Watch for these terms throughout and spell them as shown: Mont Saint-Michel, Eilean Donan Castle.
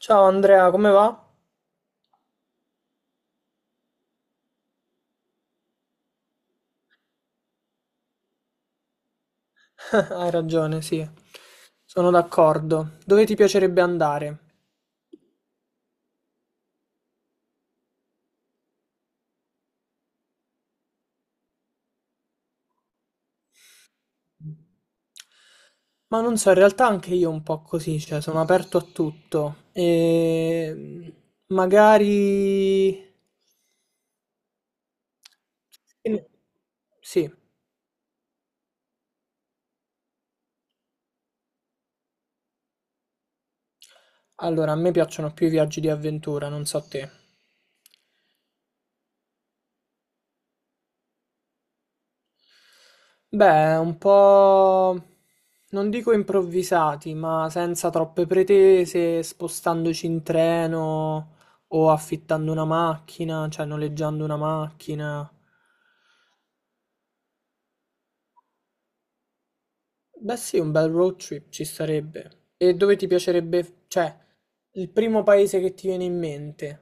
Ciao Andrea, come va? Hai ragione, sì, sono d'accordo. Dove ti piacerebbe andare? Ma non so, in realtà anche io un po' così, cioè sono aperto a tutto. E magari... Sì, sì, allora a me piacciono più i viaggi di avventura, non so te. Beh, un po' non dico improvvisati, ma senza troppe pretese, spostandoci in treno o affittando una macchina, cioè noleggiando una macchina. Beh, sì, un bel road trip ci sarebbe. E dove ti piacerebbe, cioè, il primo paese che ti viene in mente?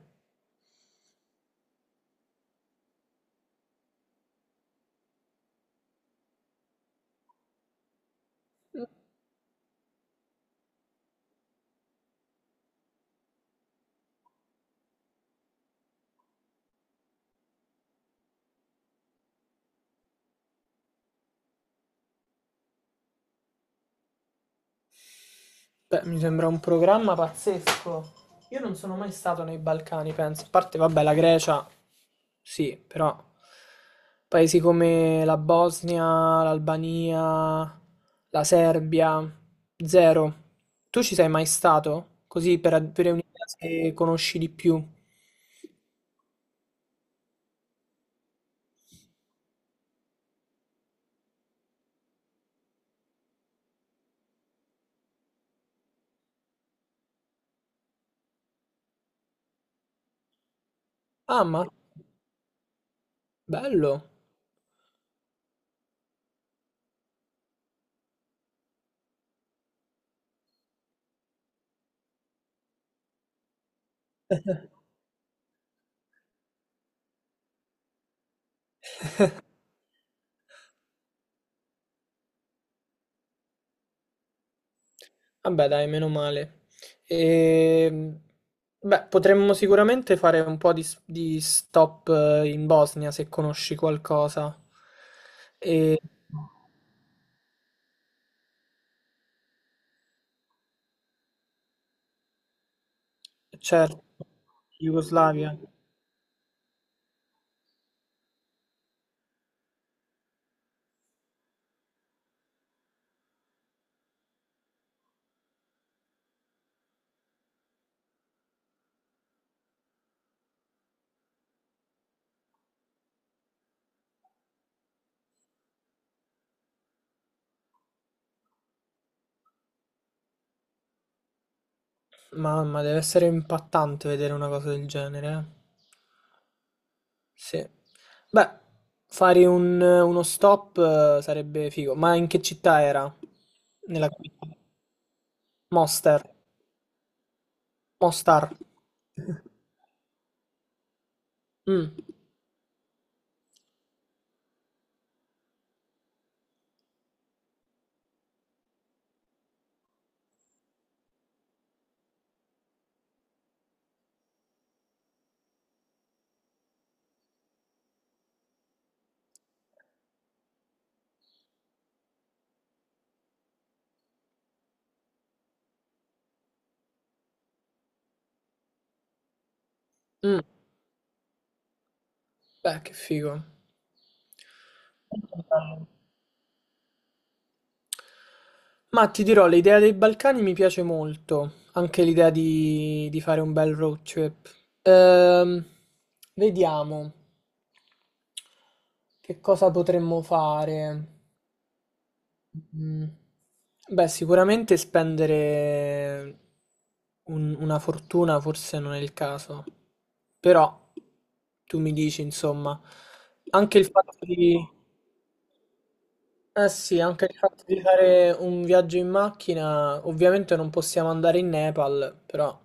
Beh, mi sembra un programma pazzesco. Io non sono mai stato nei Balcani, penso. A parte, vabbè, la Grecia, sì, però paesi come la Bosnia, l'Albania, la Serbia, zero. Tu ci sei mai stato? Così per avere un'idea se conosci di più. Ah, ma bello. Vabbè, dai, meno male. Ehm, beh, potremmo sicuramente fare un po' di, di stop in Bosnia se conosci qualcosa. E certo, Jugoslavia. Mamma, deve essere impattante vedere una cosa del genere, eh. Sì. Beh, fare uno stop sarebbe figo. Ma in che città era? Nella capitale? Mostar. Mostar. Mm, mm. Beh, che figo. Ma ti dirò, l'idea dei Balcani mi piace molto, anche l'idea di fare un bel road trip. Ehm, vediamo che cosa potremmo fare. Mm, beh, sicuramente spendere una fortuna forse non è il caso, però tu mi dici, insomma, anche il fatto di... Eh sì, anche il fatto di fare un viaggio in macchina, ovviamente non possiamo andare in Nepal, però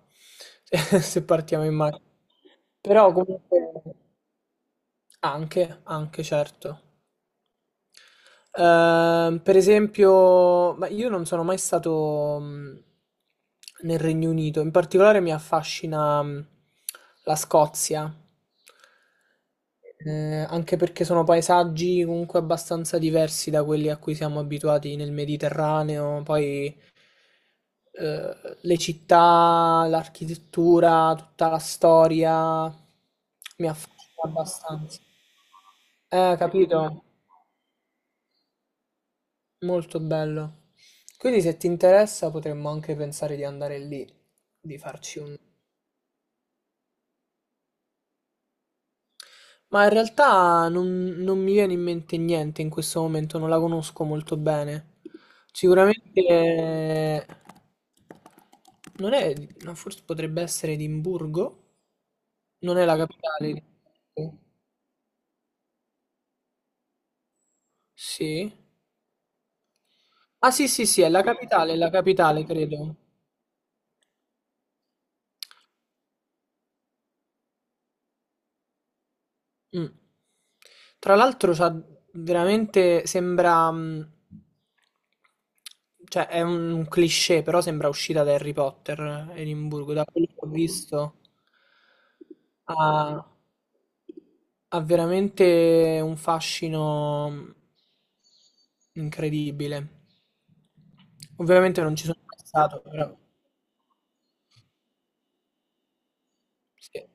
se partiamo in macchina. Però comunque anche, anche certo. Per esempio, ma io non sono mai stato nel Regno Unito, in particolare mi affascina la Scozia, anche perché sono paesaggi comunque abbastanza diversi da quelli a cui siamo abituati nel Mediterraneo, poi eh, le città, l'architettura, tutta la storia mi affascina abbastanza. Capito? Molto bello. Quindi se ti interessa potremmo anche pensare di andare lì, di farci un... Ma in realtà non mi viene in mente niente in questo momento, non la conosco molto bene. Sicuramente non è, no, forse potrebbe essere Edimburgo? Non è la capitale. Sì. Ah sì sì sì, è la capitale credo. Mm. Tra l'altro, c'ha veramente sembra. Cioè, è un cliché, però sembra uscita da Harry Potter, Edimburgo, da quello che ho visto. Ha, ha veramente un fascino incredibile. Ovviamente non ci sono mai stato, però sì.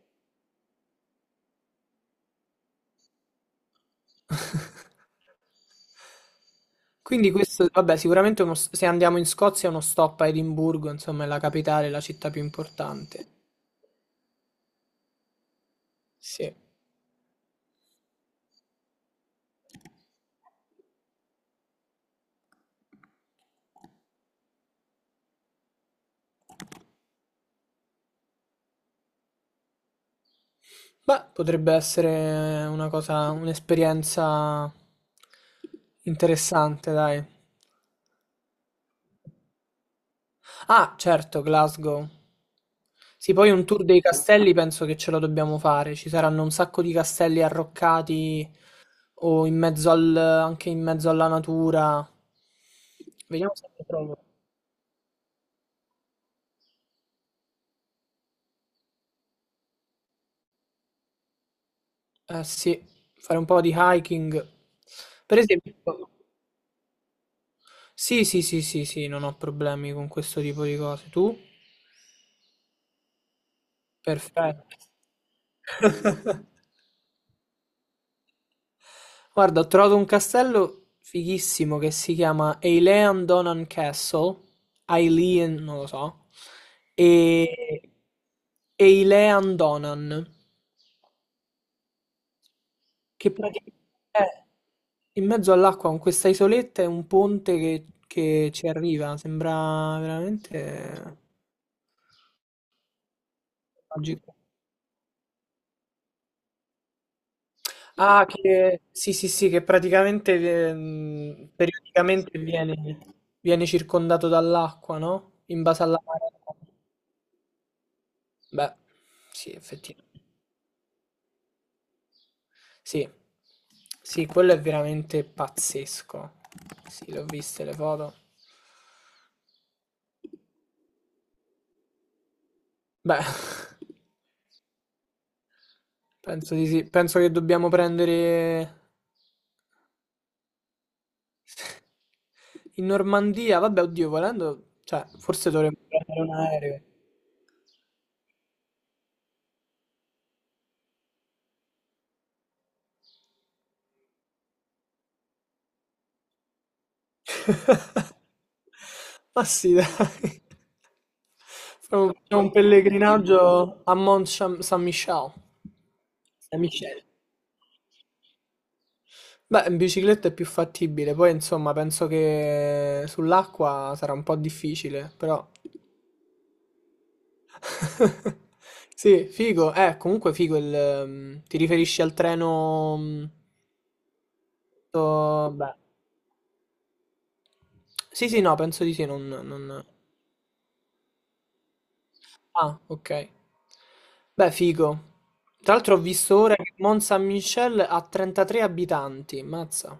Quindi questo, vabbè, sicuramente se andiamo in Scozia uno stop a Edimburgo, insomma, è la capitale, la città più importante. Sì. Beh, potrebbe essere una cosa, un'esperienza interessante, dai. Ah, certo, Glasgow. Sì, poi un tour dei castelli penso che ce lo dobbiamo fare. Ci saranno un sacco di castelli arroccati o in mezzo al, anche in mezzo alla natura. Vediamo se lo trovo. Eh sì, fare un po' di hiking. Per esempio, sì, sì, sì, sì, sì, non ho problemi con questo tipo di cose. Tu? Perfetto. Guarda, ho trovato un castello fighissimo che si chiama Eilean Donan Castle. Eilean, non lo so. E... Eilean Donan, che praticamente è in mezzo all'acqua con questa isoletta e un ponte che ci arriva. Sembra veramente... Logico. Ah, che sì, sì, sì, che praticamente periodicamente viene, viene circondato dall'acqua, no? In base alla marea. Beh, sì, effettivamente. Sì, sì, quello è veramente pazzesco. Sì, l'ho viste le foto. Beh, penso di sì. Penso che dobbiamo prendere in Normandia. Vabbè, oddio, volendo, cioè, forse dovremmo prendere un aereo. Ma sì, dai. Facciamo un pellegrinaggio a Mont Cham- San Michel. San Michel. Beh, in bicicletta è più fattibile, poi insomma penso che sull'acqua sarà un po' difficile, però... Sì, figo, comunque figo il... ti riferisci al treno... mm, to- Beh. Sì, sì, no, penso di sì, non... non... Ah, ok. Beh, figo. Tra l'altro ho visto ora che Mont Saint-Michel ha 33 abitanti, mazza.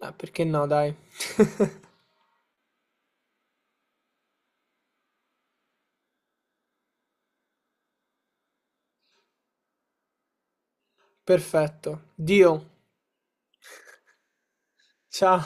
Beh, perché no, dai. Perfetto. Dio. Ciao.